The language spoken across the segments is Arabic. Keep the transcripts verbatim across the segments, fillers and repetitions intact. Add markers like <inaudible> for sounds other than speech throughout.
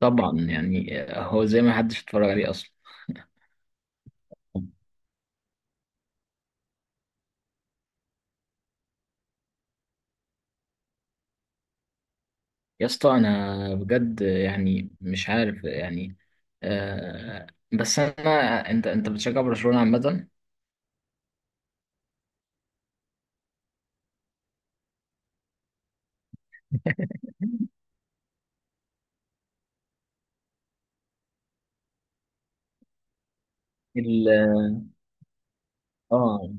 طبعا، يعني هو زي ما حدش اتفرج عليه اصلا. يا اسطى، انا بجد يعني مش عارف يعني. آه بس انا انت انت بتشجع برشلونة عامة. اه،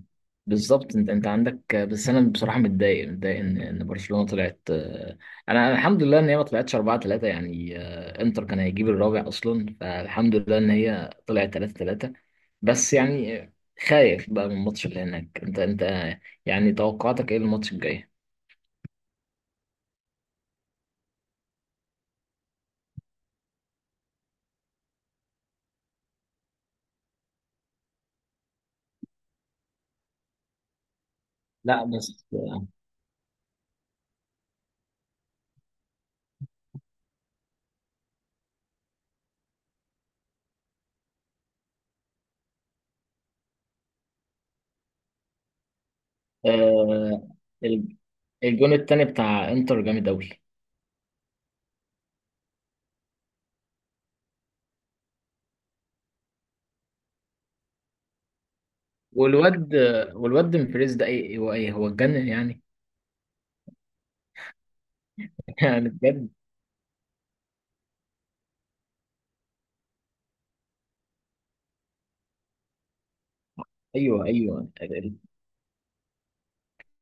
بالظبط انت انت عندك. بس انا بصراحه متضايق متضايق ان ان برشلونه طلعت. آه، انا أنا الحمد لله ان هي ما طلعتش أربعة ثلاثة، يعني آه، انتر كان هيجيب الرابع اصلا، فالحمد لله ان هي طلعت ثلاثة ثلاثة. بس يعني آه، خايف بقى من الماتش اللي هناك. انت انت آه، يعني توقعاتك ايه الماتش الجاي؟ لا، بس. آه. ال- الجون التاني بتاع انتر جامد قوي. والواد والواد مفريز ده، ايه هو؟ ايه هو؟ اتجنن يعني. <laughs> يعني بجد. ايوه ايوه.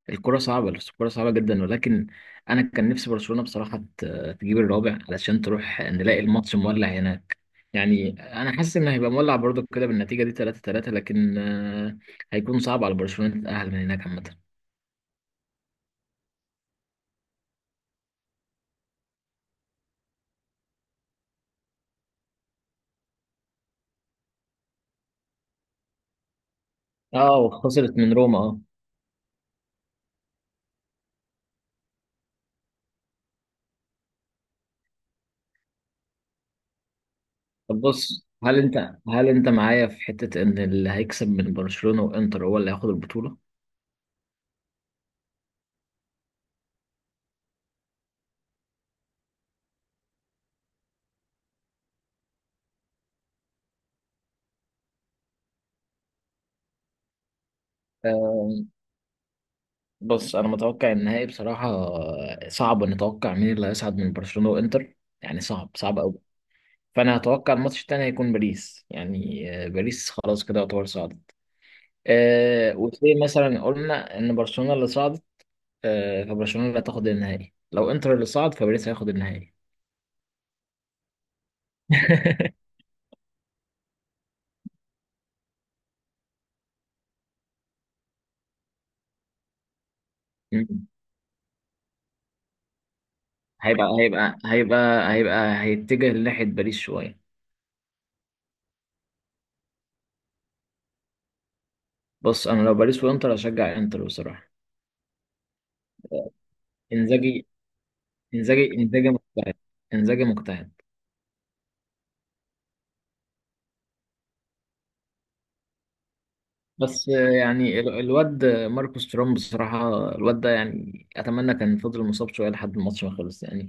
الكرة صعبة، الكرة صعبة جدا، ولكن أنا كان نفسي برشلونة بصراحة ت- تجيب الرابع علشان تروح نلاقي الماتش مولع هناك يعني. أنا حاسس إن هيبقى مولع برضو كده بالنتيجة دي ثلاثة ثلاثة. لكن آه، هيكون صعب على برشلونة تتأهل من هناك عامة. اه، وخسرت من روما، اه. طب بص، هل انت هل انت معايا في حتة ان اللي هيكسب من برشلونة وانتر هو اللي هياخد البطولة؟ آه، بص، انا متوقع النهائي بصراحة. آه، صعب نتوقع مين اللي هيصعد من برشلونة وانتر، يعني صعب، صعب قوي. فانا هتوقع الماتش التاني هيكون باريس، يعني آه، باريس خلاص كده يعتبر صعدت. آه، وزي مثلا قلنا ان برشلونة اللي صعدت. آه، فبرشلونة اللي هتاخد النهائي. لو انتر اللي صعد، فباريس هياخد النهائي. <laughs> مم. هيبقى هيبقى هيبقى هيبقى هيتجه لناحية باريس شوية. بص، انا لو باريس وانتر هشجع انتر بصراحة. انزاجي انزاجي انزاجي مجتهد، انزاجي مجتهد. بس آه، يعني ال- الواد ماركوس تورام بصراحة. الواد ده يعني أتمنى كان فضل مصاب شوية لحد الماتش ما خلص يعني.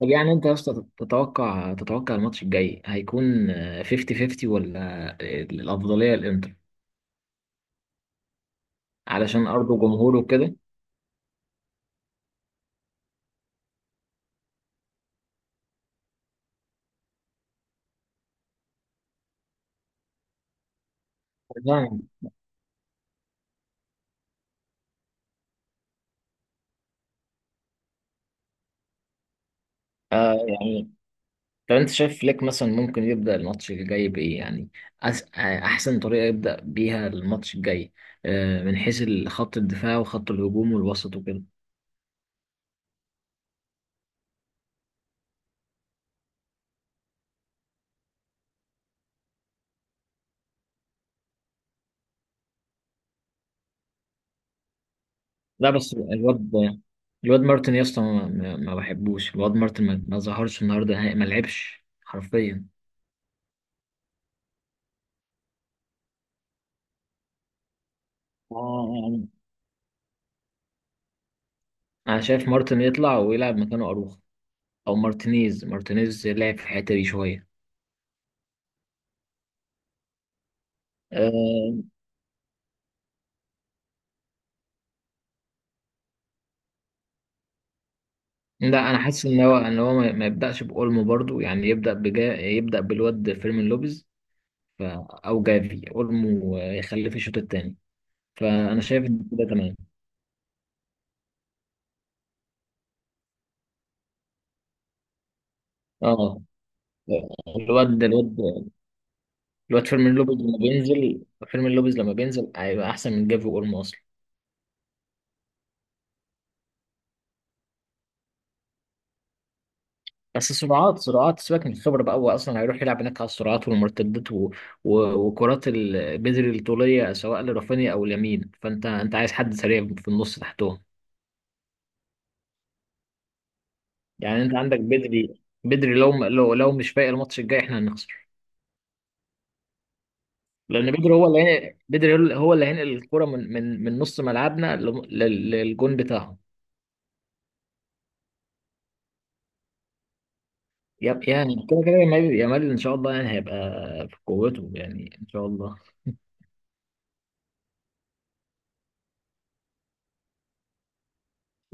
طب يعني انت يا اسطى، تتوقع تتوقع الماتش الجاي هيكون، آه، خمسين خمسين، ولا آه، الافضليه للانتر؟ علشان ارضه وجمهوره وكده. نعم. آه، يعني طب انت شايف فليك مثلا ممكن يبدا الماتش الجاي بايه يعني؟ أس... آه، احسن طريقه يبدا بيها الماتش الجاي، آه، من حيث خط الدفاع وخط الهجوم والوسط وكده. لا، بس الواد الواد مارتن، يا اسطى، ما, ما ما بحبوش الواد مارتن، ما, ما ظهرش النهارده نهائي، ما لعبش حرفيا. انا شايف مارتن يطلع ويلعب مكانه اروخ، او مارتينيز مارتينيز لعب في الحته دي شويه. أه. لا، انا حاسس ان هو ان هو ما ما يبداش باولمو برضو. يعني يبدا بجا يبدا بالواد فيرمين لوبيز، ف... او جافي، اولمو، آه، يخليه في الشوط الثاني. فانا شايف ان كده تمام. اه، الواد الواد الواد فيرمين لوبيز لما بينزل، فيرمين لوبيز لما بينزل هيبقى احسن من جافي واولمو. بس سرعات، سرعات، سيبك من الخبرة بقى. هو أصلا هيروح يلعب هناك على السرعات والمرتدات و... و... وكرات ال- بدري الطولية، سواء لرافينيا أو لامين، فأنت أنت عايز حد سريع في النص تحتهم. يعني أنت عندك بدري، بدري لو لو لو مش فايق الماتش الجاي، إحنا هنخسر. لأن بدري هو اللي هين... بدري هو اللي هينقل الكرة من من من نص ملعبنا لم- لل- للجون بتاعهم. يب- يعني كده كده، يامال يامال إن شاء الله يعني هيبقى في قوته يعني، إن شاء الله.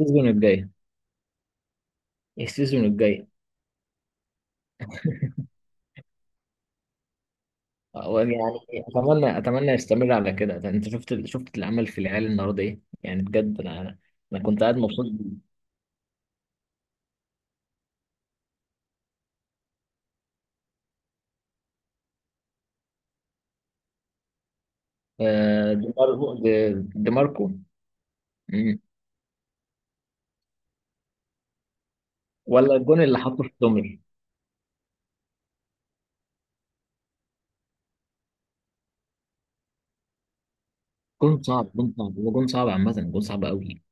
السيزون الجاي. السيزون الجاي يعني اتمنى اتمنى يستمر على كده. ده انت شفت ال- شفت العمل في العيال النهارده ايه؟ يعني بجد انا، انا كنت قاعد مبسوط. آه، دي ماركو. دي- دي ماركو. مم. ولا الجون اللي حطه في سومر. جون صعب، جون صعب، هو جون صعب عامه، جون صعب قوي.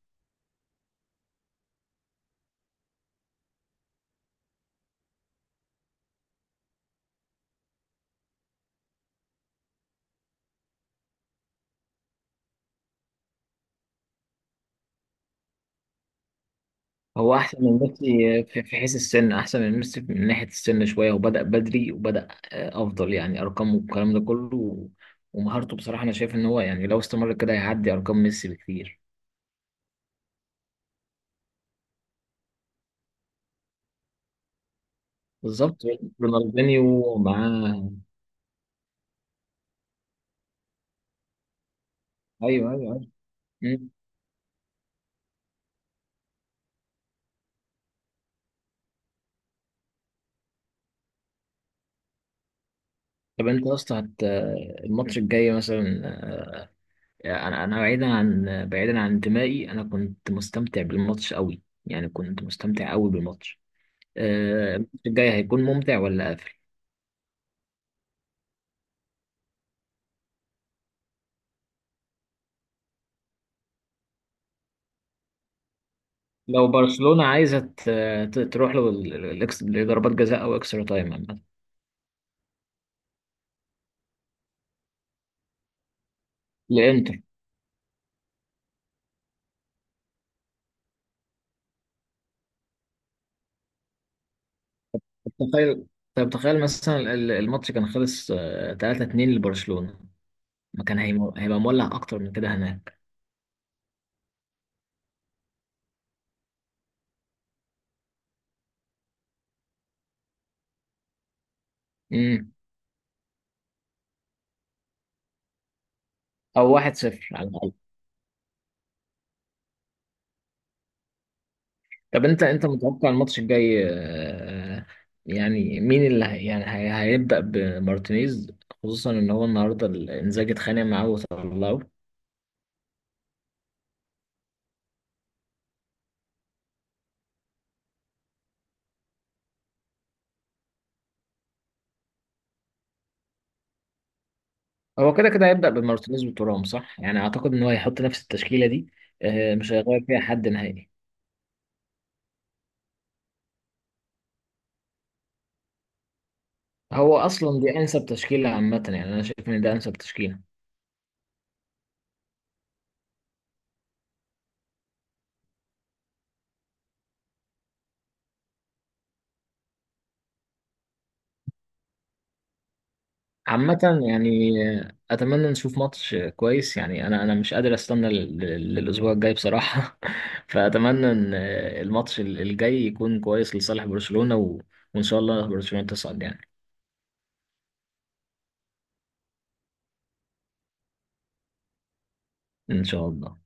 هو احسن من ميسي في في حيث السن، احسن من ميسي من ناحيه السن شويه، وبدا بدري، وبدا آه، افضل يعني، ارقامه والكلام ده كله ومهارته بصراحه. انا شايف ان هو يعني لو استمر كده هيعدي ارقام ميسي بكتير. بالظبط، رونالدينيو معاه. ايوه ايوه ايوه. مم. طب انت يا اسطى، هت الماتش الجاي مثلا، آه، انا انا بعيدا عن بعيدا عن انتمائي، انا كنت مستمتع بالماتش قوي يعني، كنت مستمتع قوي بالماتش. آه، الماتش الجاي هيكون ممتع ولا قافل؟ لو برشلونة عايزة ت- ت- تروح له ال- ال- الإكس- لضربات جزاء او اكسترا تايم عامة، لانتر. تخيل، طب تخيل مثلا ال- الماتش كان خلص تلاتة اتنين لبرشلونة، ما كان هيم- هيبقى مولع اكتر من كده هناك؟ مم. او واحد صفر. طب انت انت متوقع الماتش الجاي، آه، يعني مين اللي هي يعني هي هيبدأ بمارتينيز، خصوصا ان هو النهارده ال- انزاجي اتخانق معاه وطلعه. هو كده كده هيبدأ بمارتينيز وتورام صح، يعني اعتقد ان هو هيحط نفس التشكيلة دي. آه، مش هيغير فيها حد نهائي. هو اصلا دي انسب تشكيلة عامة، يعني انا شايف ان ده انسب تشكيلة. عامة يعني أتمنى نشوف ماتش كويس، يعني أنا أنا مش قادر أستنى لل- لل- للأسبوع الجاي بصراحة. <laughs> فأتمنى إن الماتش الجاي يكون كويس لصالح برشلونة، و... وإن شاء الله برشلونة تصعد يعني. إن شاء الله.